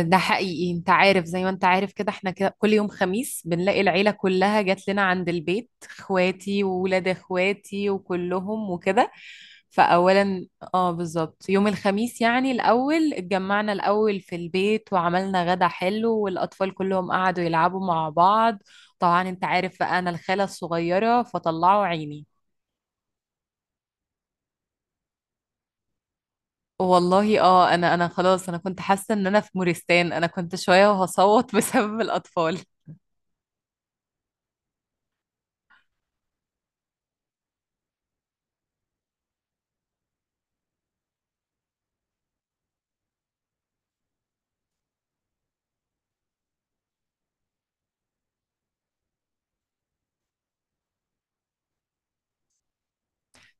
ده حقيقي انت عارف زي ما انت عارف كده احنا كده كل يوم خميس بنلاقي العيلة كلها جات لنا عند البيت، اخواتي وولاد اخواتي وكلهم وكده. فأولا، اه بالظبط يوم الخميس. يعني الأول اتجمعنا الأول في البيت، وعملنا غدا حلو، والأطفال كلهم قعدوا يلعبوا مع بعض. طبعا انت عارف بقى، انا الخالة الصغيرة، فطلعوا عيني. والله انا خلاص، انا كنت حاسة ان انا في مورستان، انا كنت شوية وهصوت بسبب الأطفال.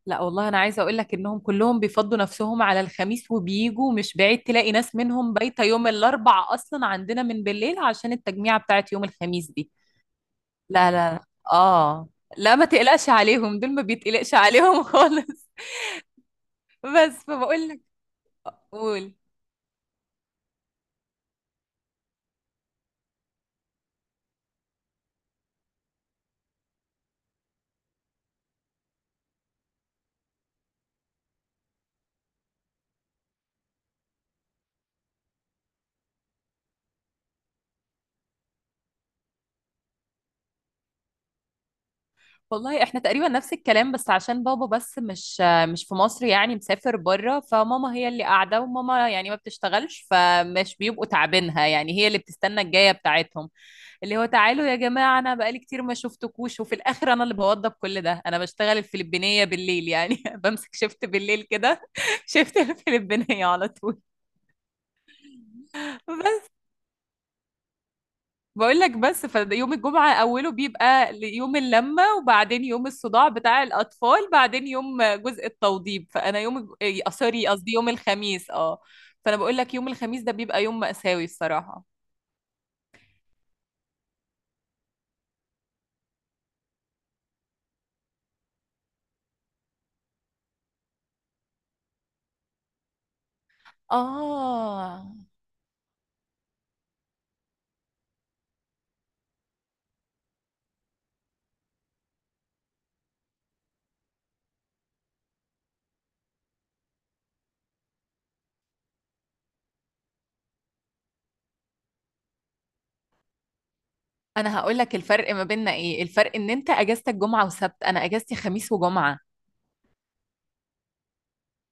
لا والله، انا عايزه اقول لك انهم كلهم بيفضوا نفسهم على الخميس وبيجوا، مش بعيد تلاقي ناس منهم بايته يوم الاربع اصلا عندنا من بالليل عشان التجميعه بتاعت يوم الخميس دي. لا، لا، لا. اه. لا، ما تقلقش عليهم، دول ما بيتقلقش عليهم خالص. بس فبقول لك. قول. والله احنا تقريبا نفس الكلام، بس عشان بابا بس مش في مصر، يعني مسافر بره، فماما هي اللي قاعده، وماما يعني ما بتشتغلش، فمش بيبقوا تعبينها، يعني هي اللي بتستنى الجايه بتاعتهم. اللي هو تعالوا يا جماعه، انا بقالي كتير ما شفتكوش، وفي الاخر انا اللي بوضب كل ده. انا بشتغل الفلبينيه بالليل يعني بمسك شفت بالليل كده شفت الفلبينيه على طول. بقول لك بس، فيوم الجمعة أوله بيبقى يوم اللمة، وبعدين يوم الصداع بتاع الأطفال، بعدين يوم جزء التوضيب. فأنا إيه، سوري، قصدي يوم الخميس اه فأنا بقول لك يوم الخميس ده بيبقى يوم مأساوي، الصراحة. آه. أنا هقول لك الفرق ما بيننا إيه. الفرق إن أنت أجازتك جمعة وسبت، أنا أجازتي خميس وجمعة.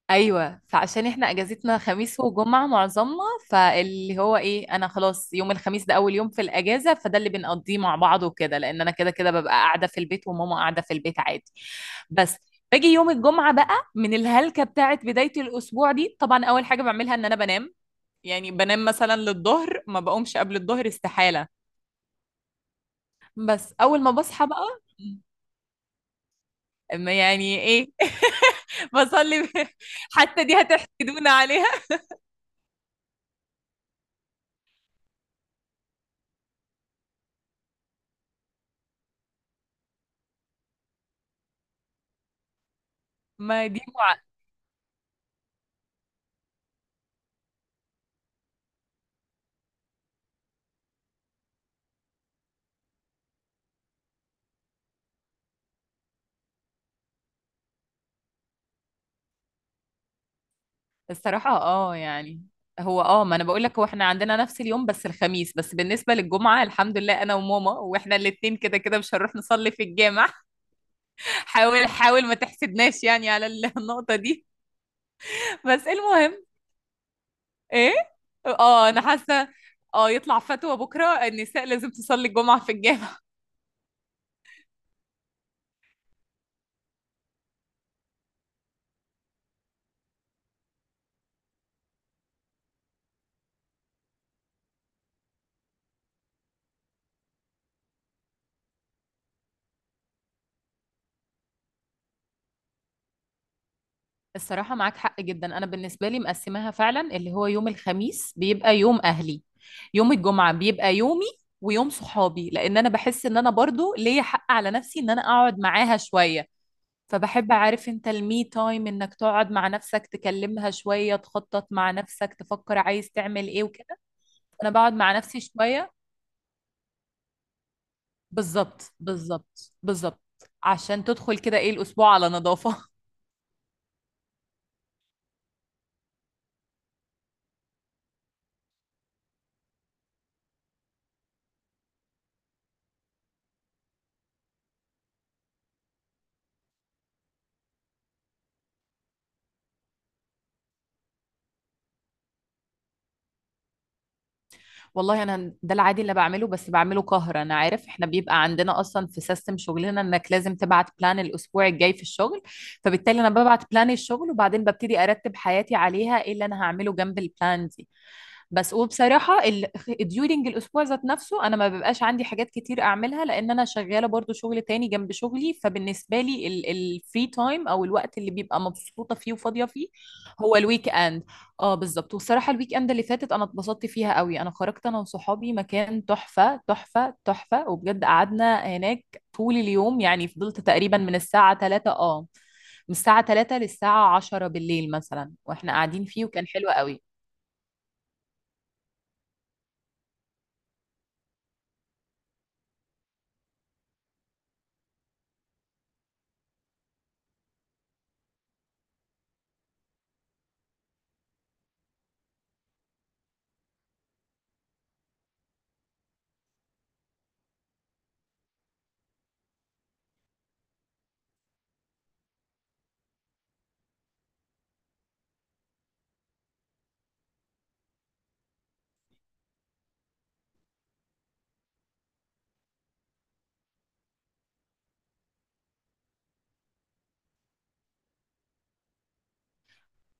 ايوه، فعشان احنا اجازتنا خميس وجمعه معظمنا، فاللي هو ايه، انا خلاص يوم الخميس ده اول يوم في الاجازه، فده اللي بنقضيه مع بعض وكده، لان انا كده كده ببقى قاعده في البيت، وماما قاعده في البيت عادي. بس باجي يوم الجمعه بقى، من الهلكه بتاعت بدايه الاسبوع دي، طبعا اول حاجه بعملها ان انا بنام. يعني بنام مثلا للظهر، ما بقومش قبل الظهر استحاله. بس اول ما بصحى بقى، أما يعني ايه بصلي. حتى دي هتحسدونا عليها. ما دي. الصراحة يعني، هو ما انا بقول لك، هو احنا عندنا نفس اليوم بس الخميس، بس بالنسبة للجمعة الحمد لله انا وماما واحنا الاتنين كده كده مش هنروح نصلي في الجامع. حاول حاول ما تحسدناش يعني على النقطة دي. بس المهم. ايه؟ اه انا حاسة اه يطلع فتوى بكرة النساء لازم تصلي الجمعة في الجامع. الصراحة معاك حق جدا. أنا بالنسبة لي مقسماها فعلا، اللي هو يوم الخميس بيبقى يوم أهلي، يوم الجمعة بيبقى يومي ويوم صحابي، لأن أنا بحس إن أنا برضو ليا حق على نفسي إن أنا أقعد معاها شوية. فبحب أعرف أنت، المي تايم إنك تقعد مع نفسك تكلمها شوية، تخطط مع نفسك تفكر عايز تعمل إيه وكده. أنا بقعد مع نفسي شوية. بالظبط بالظبط بالظبط، عشان تدخل كده إيه الأسبوع على نظافة. والله انا ده العادي اللي بعمله، بس بعمله قهر. انا عارف، احنا بيبقى عندنا اصلا في سيستم شغلنا انك لازم تبعت بلان الاسبوع الجاي في الشغل، فبالتالي انا ببعت بلان الشغل وبعدين ببتدي ارتب حياتي عليها ايه اللي انا هعمله جنب البلان دي. بس وبصراحة during الأسبوع ذات نفسه أنا ما ببقاش عندي حاجات كتير أعملها، لأن أنا شغالة برضو شغل تاني جنب شغلي. فبالنسبة لي الفري تايم أو الوقت اللي بيبقى مبسوطة فيه وفاضية فيه هو الويك إند. اه، بالظبط. والصراحة الويك إند اللي فاتت أنا اتبسطت فيها قوي، أنا خرجت أنا وصحابي مكان تحفة تحفة تحفة، وبجد قعدنا هناك طول اليوم، يعني فضلت تقريبا من الساعة 3 للساعة 10 بالليل مثلا واحنا قاعدين فيه، وكان حلو قوي.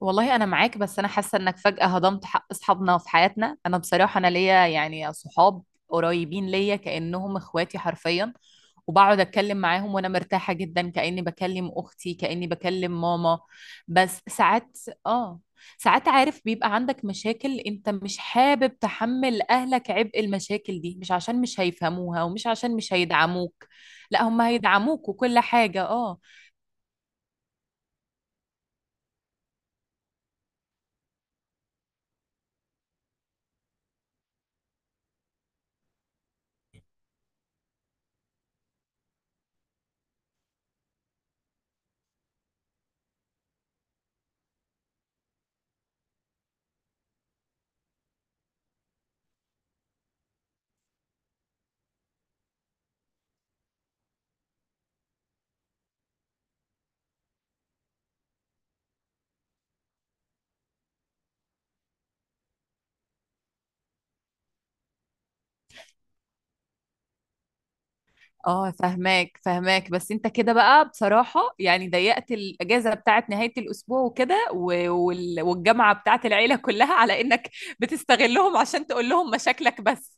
والله انا معاك، بس انا حاسه انك فجاه هضمت حق اصحابنا في حياتنا. انا بصراحه انا ليا يعني صحاب قريبين ليا كانهم اخواتي حرفيا، وبقعد اتكلم معاهم وانا مرتاحه جدا، كاني بكلم اختي، كاني بكلم ماما. بس اه ساعات عارف بيبقى عندك مشاكل، انت مش حابب تحمل اهلك عبء المشاكل دي، مش عشان مش هيفهموها ومش عشان مش هيدعموك. لا، هم هيدعموك وكل حاجه اه اه، فهماك فهماك. بس انت كده بقى بصراحة يعني ضيقت الأجازة بتاعت نهاية الأسبوع وكده، والجامعة بتاعت العيلة كلها على إنك بتستغلهم عشان تقول لهم مشاكلك بس.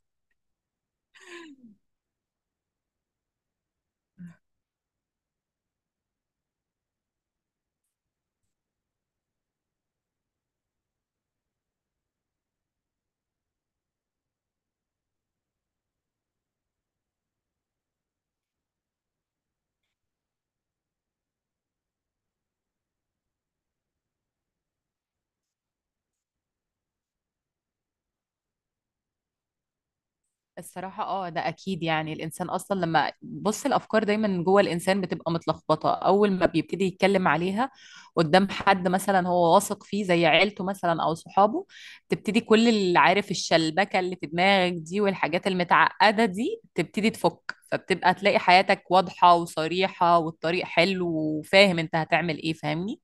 الصراحة ده أكيد، يعني الإنسان أصلا لما بص، الأفكار دايما جوه الإنسان بتبقى متلخبطة، أول ما بيبتدي يتكلم عليها قدام حد مثلا هو واثق فيه زي عيلته مثلا أو صحابه، تبتدي كل اللي عارف الشلبكة اللي في دماغك دي والحاجات المتعقدة دي تبتدي تفك، فبتبقى تلاقي حياتك واضحة وصريحة والطريق حلو وفاهم أنت هتعمل إيه، فاهمني؟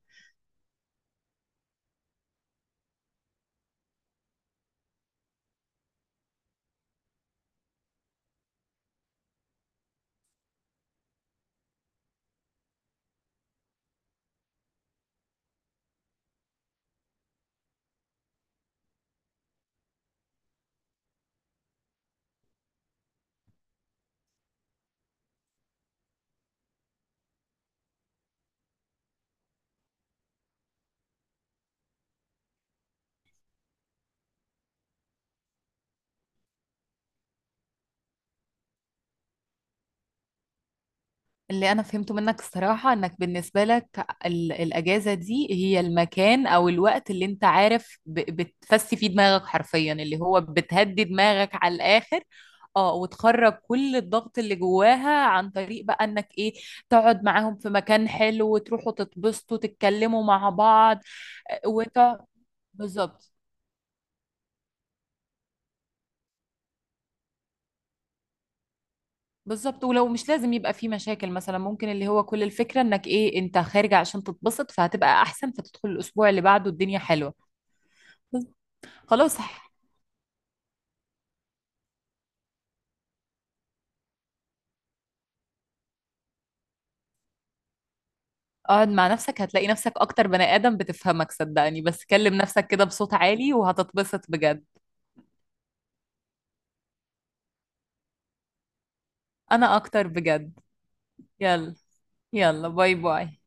اللي انا فهمته منك الصراحة، انك بالنسبة لك الاجازة دي هي المكان او الوقت اللي انت عارف بتفسي فيه دماغك حرفيا، اللي هو بتهدي دماغك على الاخر. اه، وتخرج كل الضغط اللي جواها عن طريق بقى انك ايه، تقعد معاهم في مكان حلو وتروحوا تتبسطوا تتكلموا مع بعض وتقعد. بالظبط بالظبط، ولو مش لازم يبقى في مشاكل مثلا، ممكن اللي هو كل الفكرة انك ايه، انت خارجة عشان تتبسط فهتبقى احسن، فتدخل الاسبوع اللي بعده الدنيا حلوة. خلاص. اقعد مع نفسك هتلاقي نفسك اكتر بني ادم بتفهمك، صدقني. بس كلم نفسك كده بصوت عالي وهتتبسط بجد. انا اكتر بجد. يلا. يلا باي باي.